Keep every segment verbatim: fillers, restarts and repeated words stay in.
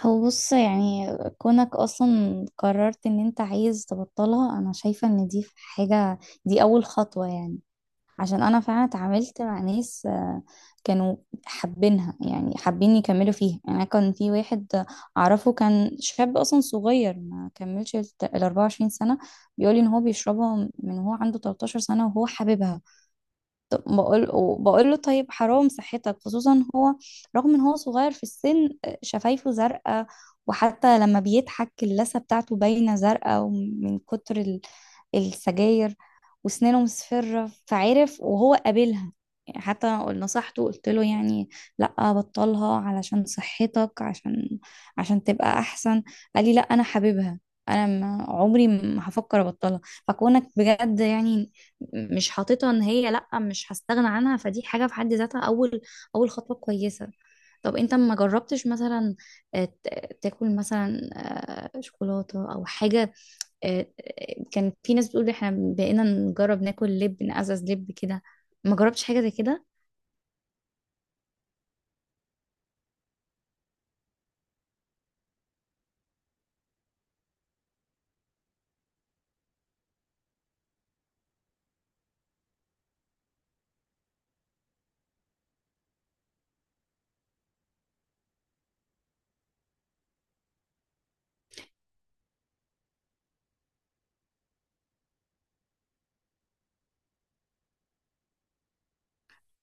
هو بص، يعني كونك اصلا قررت ان انت عايز تبطلها، انا شايفة ان دي حاجة، دي اول خطوة يعني عشان انا فعلا اتعاملت مع ناس. آه، كانوا حابينها، يعني حابين يكملوا فيها. يعني أنا كان في واحد اعرفه، كان شاب اصلا صغير، ما كملش ال ال اربعة وعشرين سنة. بيقولي ان هو بيشربها من هو عنده تلتاشر سنة، وهو حاببها. طب بقول وبقول له طيب حرام صحتك، خصوصا هو رغم ان هو صغير في السن، آه، شفايفه زرقاء، وحتى لما بيضحك اللثة بتاعته باينة زرقاء ومن كتر السجاير، وسنانه مصفرة فعرف وهو قابلها. يعني حتى نصحته، قلت له: يعني لا بطلها علشان صحتك، عشان عشان تبقى احسن. قال لي: لا انا حاببها، انا ما عمري ما هفكر ابطلها. فكونك بجد يعني مش حاططها ان هي لا مش هستغنى عنها، فدي حاجة في حد ذاتها اول اول خطوة كويسة. طب انت ما جربتش مثلا، آه، ت- تاكل مثلا آه، شوكولاتة او حاجة؟ آه، كان في ناس بتقول احنا بقينا نجرب ناكل لب، نقزز لب كده. ما جربتش حاجة زي كده؟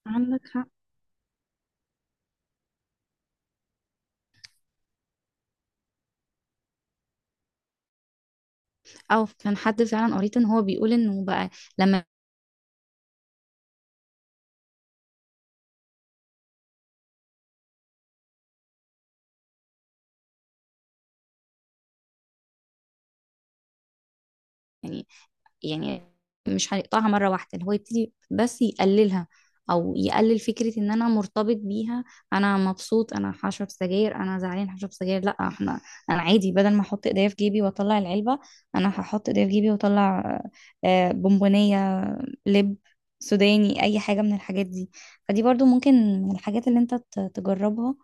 عندك حق. او كان حد فعلا قريت ان هو بيقول انه بقى لما، يعني يعني مش هيقطعها مرة واحدة، اللي هو يبتدي بس يقللها، او يقلل فكرة ان انا مرتبط بيها. انا مبسوط انا هشرب سجاير، انا زعلان هشرب سجاير، لا احنا انا عادي بدل ما احط ايديا في جيبي واطلع العلبة، انا هحط ايديا في جيبي واطلع آه، بونبونية، لب سوداني، اي حاجه من الحاجات دي. فدي برضو ممكن من الحاجات اللي انت ت- تجربها.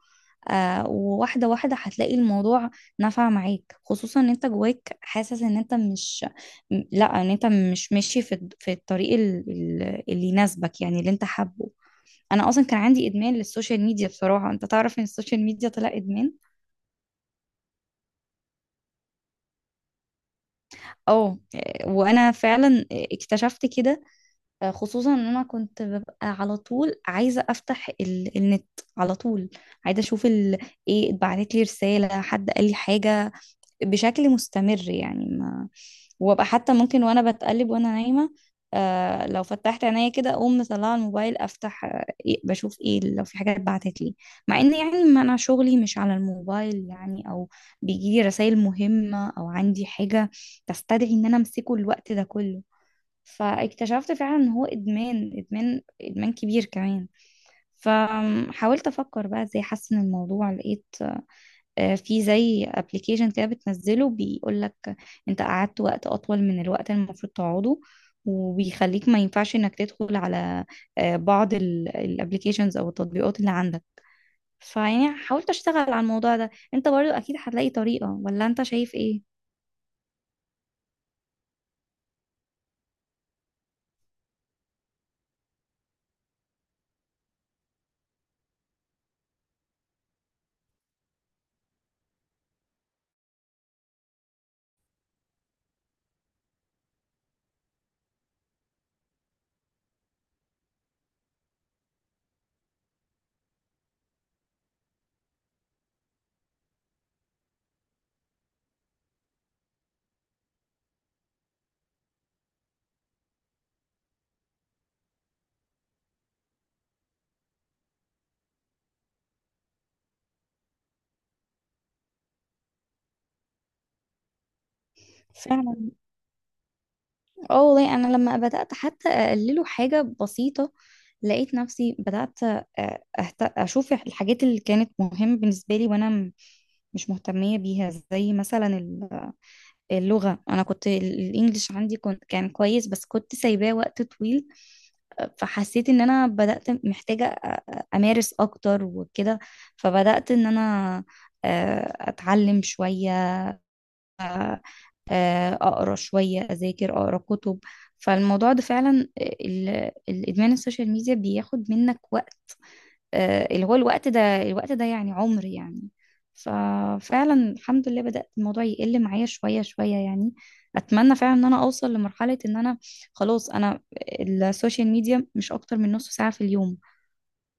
آه، وواحده واحده هتلاقي الموضوع نفع معاك، خصوصا ان انت جواك حاسس ان انت مش، م- لا ان انت مش ماشي في الد- في الطريق ال- ال- اللي يناسبك، يعني اللي انت حابه. انا اصلا كان عندي ادمان للسوشيال ميديا بصراحه، انت تعرف ان السوشيال ميديا طلع ادمان. اه، آه، وانا فعلا اكتشفت كده. آه، خصوصا ان انا كنت ببقى على طول عايزه افتح ال... النت على طول، عايزه اشوف ال... ايه اتبعت لي رساله، حد قال لي حاجه، بشكل مستمر. يعني ما وابقى حتى ممكن وانا بتقلب وانا نايمه، آه، لو فتحت عينيا كده اقوم مطلعه الموبايل، افتح آه إيه بشوف ايه لو في حاجه اتبعتت لي. مع ان يعني ما انا شغلي مش على الموبايل، يعني او بيجي لي رسائل مهمه او عندي حاجه تستدعي ان انا امسكه الوقت ده كله. فاكتشفت فعلا ان هو ادمان، ادمان ادمان كبير كمان. فحاولت افكر بقى ازاي احسن الموضوع، لقيت آه، في زي ابلكيشن كده بتنزله بيقول لك انت قعدت وقت اطول من الوقت اللي المفروض تقعده، وبيخليك ما ينفعش انك تدخل على آه، بعض الابلكيشنز او التطبيقات اللي عندك. فيعني حاولت اشتغل على الموضوع ده. انت برضو اكيد هتلاقي طريقة، ولا انت شايف ايه؟ فعلا. اه والله، انا لما بدات حتى اقلله حاجه بسيطه لقيت نفسي بدات، أ- أهت... اشوف الحاجات اللي كانت مهمه بالنسبه لي وانا، م- مش مهتميه بيها، زي مثلا ال- اللغه. انا كنت ال- الانجليش عندي كنت كان كويس بس كنت سايباه وقت طويل. آه، فحسيت ان انا بدات محتاجه أ- أ- امارس اكتر وكده. فبدات ان انا آه، اتعلم شويه، آه، اقرا شويه، اذاكر، اقرا كتب. فالموضوع ده فعلا ال- الادمان السوشيال ميديا بياخد منك وقت، آه، اللي هو الوقت ده، الوقت ده يعني عمر. يعني ففعلا الحمد لله بدأت الموضوع يقل معايا شوية شوية. يعني أتمنى فعلا إن أنا أوصل لمرحلة إن أنا خلاص أنا السوشيال ميديا مش أكتر من نص ساعة في اليوم.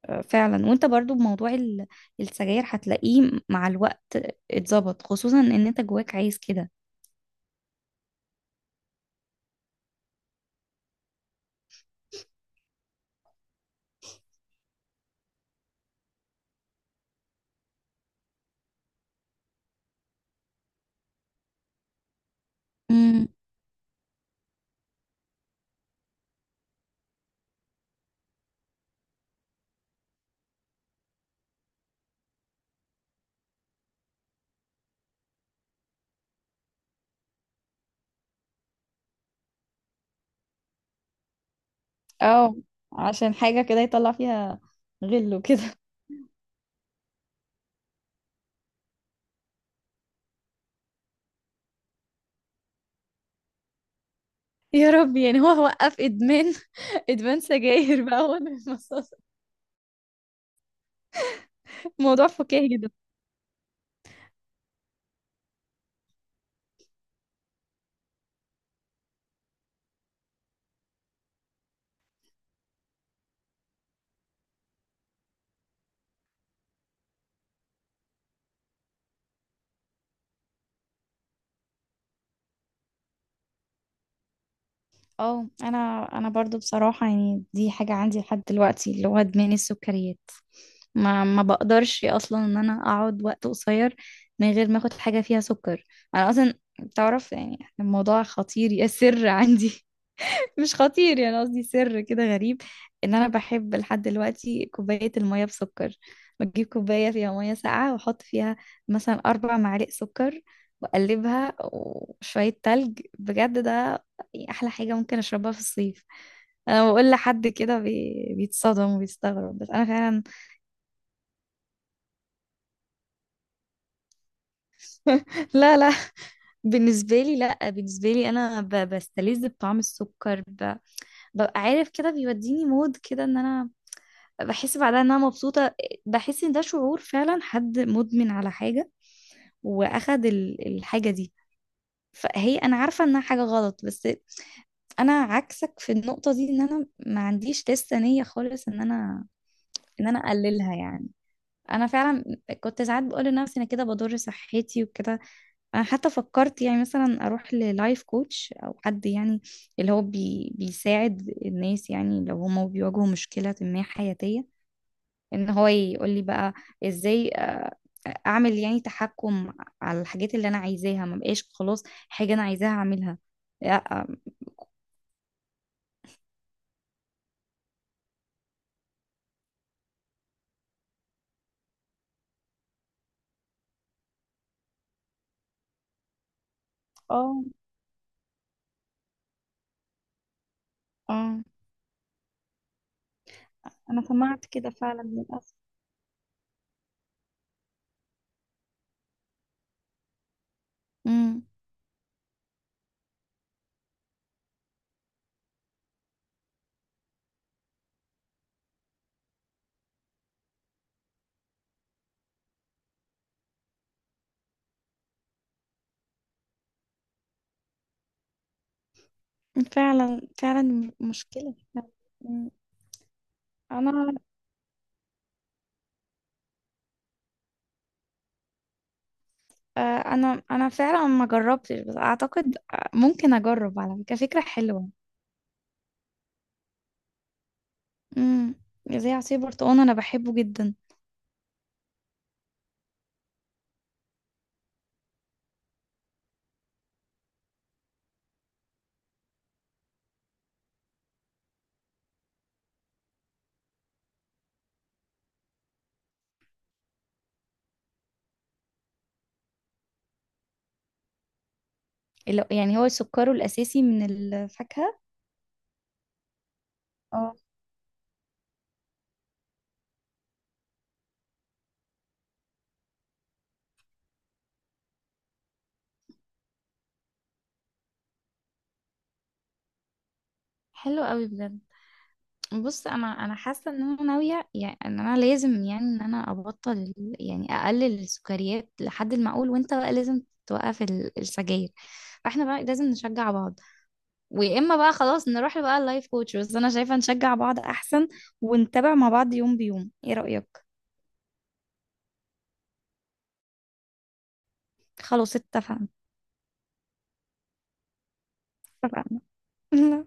آه، فعلا، وأنت برضو بموضوع ال- السجاير هتلاقيه مع الوقت اتظبط، خصوصا إن أنت جواك عايز كده. اه، عشان حاجة كده يطلع فيها غل وكده. يا رب، يعني هو وقف ادمان. ادمان سجاير بقى هو المصاصة. موضوع فكاهي جدا. اه، انا انا برضو بصراحة، يعني دي حاجة عندي لحد دلوقتي اللي هو ادمان السكريات. ما ما بقدرش اصلا ان انا اقعد وقت قصير من غير ما اخد حاجة فيها سكر. انا اصلا تعرف يعني الموضوع خطير يا سر عندي. مش خطير، يعني قصدي سر كده غريب، ان انا بحب لحد دلوقتي كوبايه الميه بسكر. بجيب كوبايه فيها ميه ساقعه، واحط فيها مثلا اربع معالق سكر، واقلبها وشويه تلج. بجد ده احلى حاجه ممكن اشربها في الصيف. انا بقول لحد كده بي... بيتصدم وبيستغرب، بس انا فعلا. لا لا، بالنسبه لي لا، بالنسبه لي انا ب... بستلذ بطعم السكر، ب... ببقى عارف كده بيوديني مود كده ان انا بحس بعدها ان انا مبسوطه. بحس ان ده شعور فعلا حد مدمن على حاجه واخد ال- الحاجه دي. فهي انا عارفه انها حاجه غلط، بس انا عكسك في النقطه دي، ان انا ما عنديش لسه نيه خالص ان انا ان انا اقللها. يعني انا فعلا كنت ساعات بقول لنفسي انا كده بضر صحتي وكده. انا حتى فكرت يعني مثلا اروح للايف كوتش او حد، يعني اللي هو بي بيساعد الناس يعني لو هما بيواجهوا مشكله ما حياتيه، ان هو يقول لي بقى ازاي اعمل يعني تحكم على الحاجات اللي انا عايزاها. ما بقاش خلاص حاجة انا عايزاها اعملها؟ لا. اه. اه، انا سمعت كده فعلا للاسف. امم. فعلا، فعلا مشكلة. مم. انا، آه، انا انا فعلا ما جربتش، بس اعتقد آه، ممكن اجرب. على فكره فكره حلوه. امم. زي عصير برتقال، انا بحبه جدا. اللي، يعني هو سكره الاساسي من الفاكهه. اه، حلو قوي بجد. بص، انا انا حاسه ان انا ناويه، يعني ان انا لازم، يعني ان انا ابطل ال- يعني اقلل السكريات لحد المعقول، وانت بقى لازم توقف ال- السجاير. فاحنا بقى لازم نشجع بعض، ويا اما بقى خلاص نروح بقى اللايف كوتش، بس انا شايفه نشجع بعض احسن، ونتابع مع بعض يوم بيوم. ايه رايك؟ خلاص اتفقنا. اتفقنا.